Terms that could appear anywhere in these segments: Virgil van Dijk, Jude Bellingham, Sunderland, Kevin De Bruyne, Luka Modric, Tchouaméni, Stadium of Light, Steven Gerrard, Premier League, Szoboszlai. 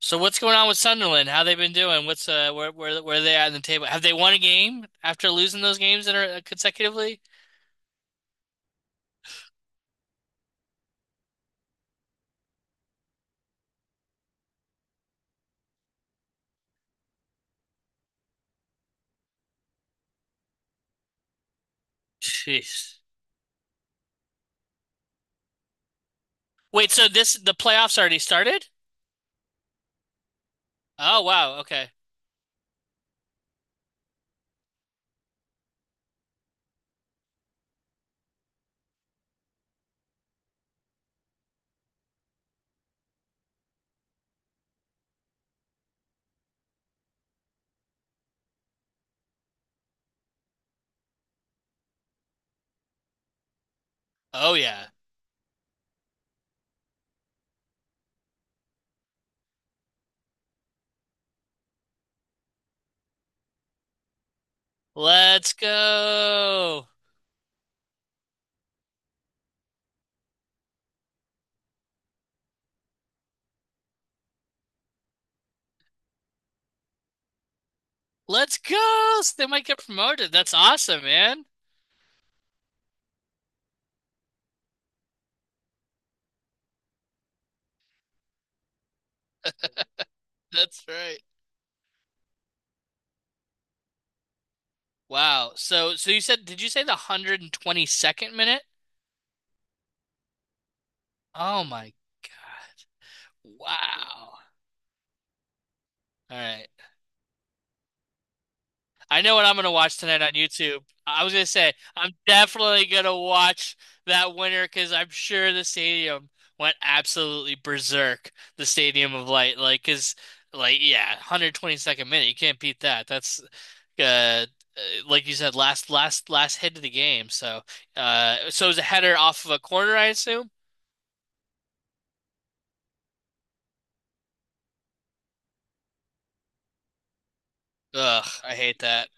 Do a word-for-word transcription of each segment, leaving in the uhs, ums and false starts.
So what's going on with Sunderland? How they been doing? What's uh where where where are they at in the table? Have they won a game after losing those games that are uh, consecutively? Jeez. Wait, so this the playoffs already started? Oh wow, okay. Oh yeah. Let's go. Let's go. So they might get promoted. That's awesome, man. That's right. Wow. So so you said did you say the one hundred twenty-second minute? Oh my God. Wow. All right. I know what I'm gonna watch tonight on YouTube. I was gonna say I'm definitely gonna watch that winner because I'm sure the stadium went absolutely berserk. The Stadium of Light, like, cause, like, yeah, one hundred twenty-second minute, you can't beat that. That's, uh, uh, like you said, last last last hit of the game. So, uh, so it was a header off of a corner, I assume. Ugh, I hate that.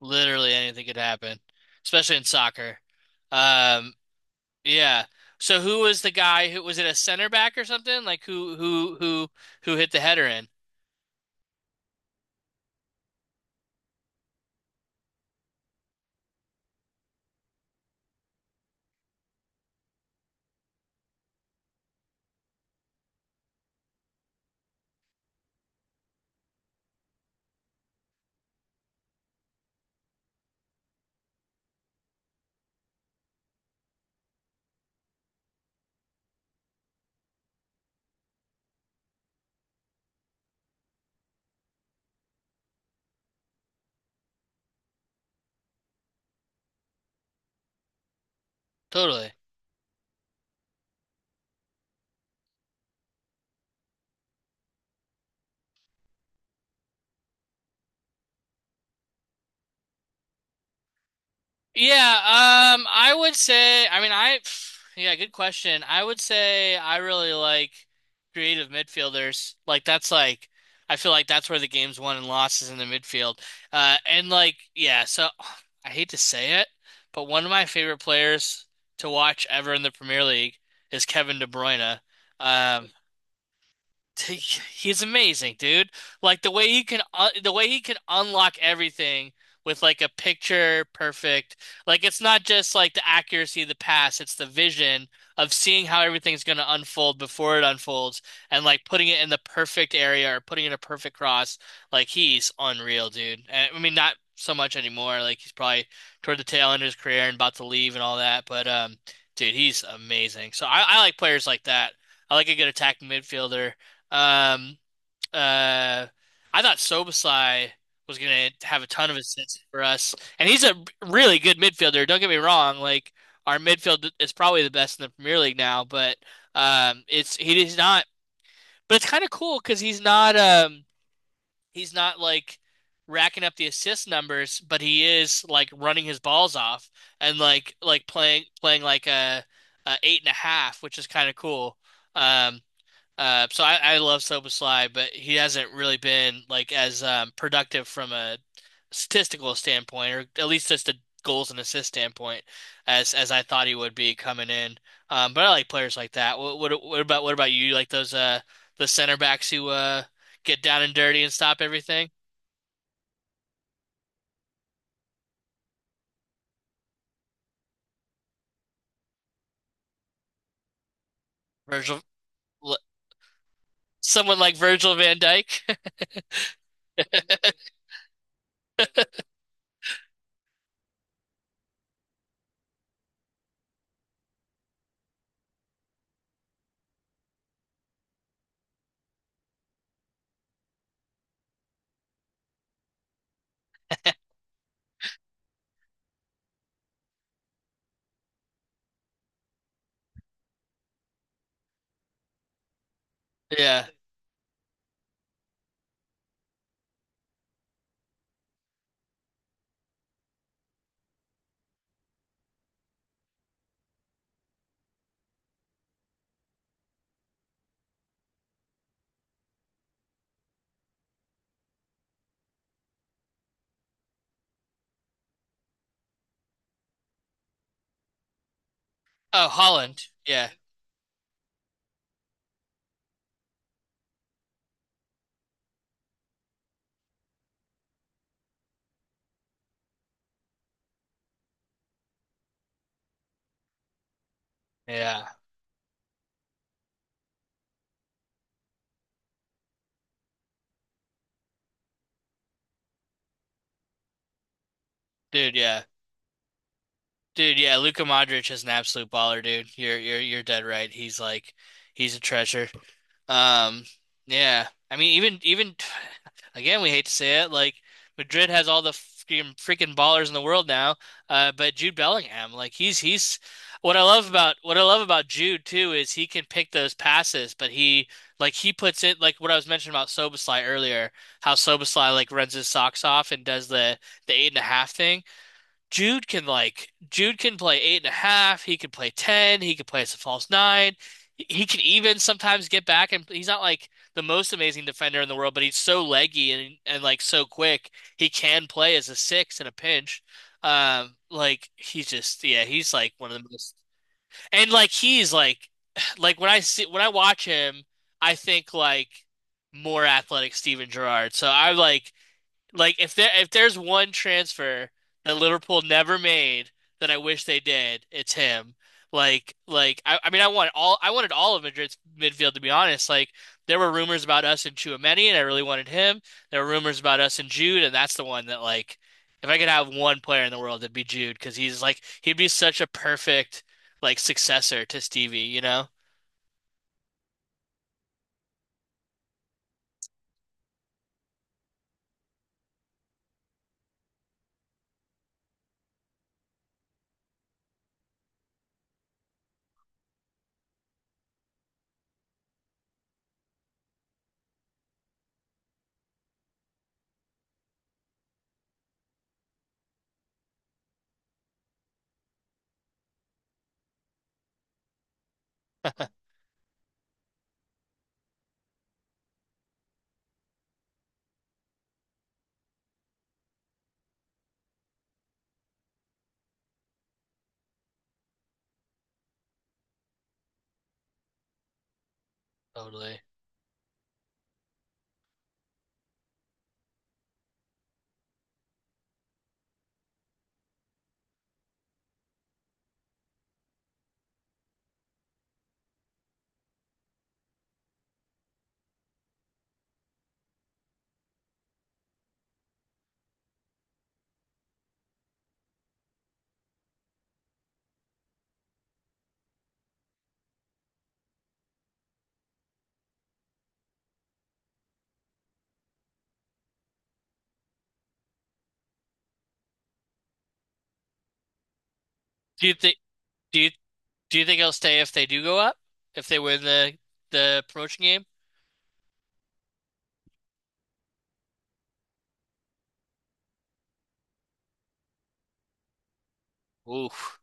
Literally anything could happen, especially in soccer. Um, Yeah. So who was the guy? Who was it a center back or something? Like who who who who hit the header in? Totally. Yeah, um I would say I mean I yeah, good question. I would say I really like creative midfielders. Like that's like I feel like that's where the game's won and lost is in the midfield. Uh and like yeah, so I hate to say it, but one of my favorite players to watch ever in the Premier League is Kevin De Bruyne. Um He's amazing, dude. Like the way he can uh, the way he can unlock everything with like a picture perfect. Like it's not just like the accuracy of the pass, it's the vision of seeing how everything's going to unfold before it unfolds and like putting it in the perfect area or putting in a perfect cross. Like he's unreal, dude. And, I mean not so much anymore. Like he's probably toward the tail end of his career and about to leave and all that, but um dude, he's amazing. So I, I like players like that. I like a good attacking midfielder. Um, uh, I thought Sobasai was gonna have a ton of assists for us, and he's a really good midfielder. Don't get me wrong; like our midfield is probably the best in the Premier League now, but um, it's he's not. But it's kind of cool because he's not um he's not like racking up the assist numbers, but he is like running his balls off and like like playing playing like a, a eight and a half, which is kind of cool. Um, uh, so I, I love Soba but he hasn't really been like as um, productive from a statistical standpoint, or at least just a goals and assist standpoint, as as I thought he would be coming in. Um, but I like players like that. What, what what about what about you? You like those uh the center backs who uh get down and dirty and stop everything? Virgil, someone like Virgil van Dijk. Yeah. Oh, Holland. Yeah. Yeah. Dude, yeah. Dude, yeah, Luka Modric is an absolute baller, dude. You're you're you're dead right. He's like he's a treasure. Um, yeah. I mean, even even again, we hate to say it, like Madrid has all the freaking freaking ballers in the world now. Uh, but Jude Bellingham, like he's he's what I love about what I love about Jude too is he can pick those passes, but he like he puts it like what I was mentioning about Szoboszlai earlier, how Szoboszlai like runs his socks off and does the the eight and a half thing. Jude can like Jude can play eight and a half. He can play ten. He can play as a false nine. He can even sometimes get back and he's not like the most amazing defender in the world, but he's so leggy and and like so quick. He can play as a six in a pinch. Um, like he's just yeah, he's like one of the most and like he's like like when I see when I watch him, I think like more athletic Steven Gerrard. So I like like if there if there's one transfer that Liverpool never made that I wish they did, it's him. Like like I, I mean I want all I wanted all of Madrid's midfield to be honest. Like there were rumors about us and Tchouaméni and I really wanted him. There were rumors about us and Jude and that's the one that like if I could have one player in the world it'd be Jude because he's like he'd be such a perfect like successor to Stevie, you know? Totally. Do you think do you do you think he'll stay if they do go up? If they win the the promotion game? Oof.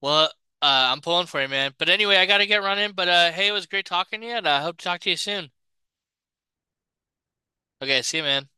Well, uh, I'm pulling for you, man. But anyway, I gotta get running. But uh, hey, it was great talking to you, and I hope to talk to you soon. Okay, see you, man.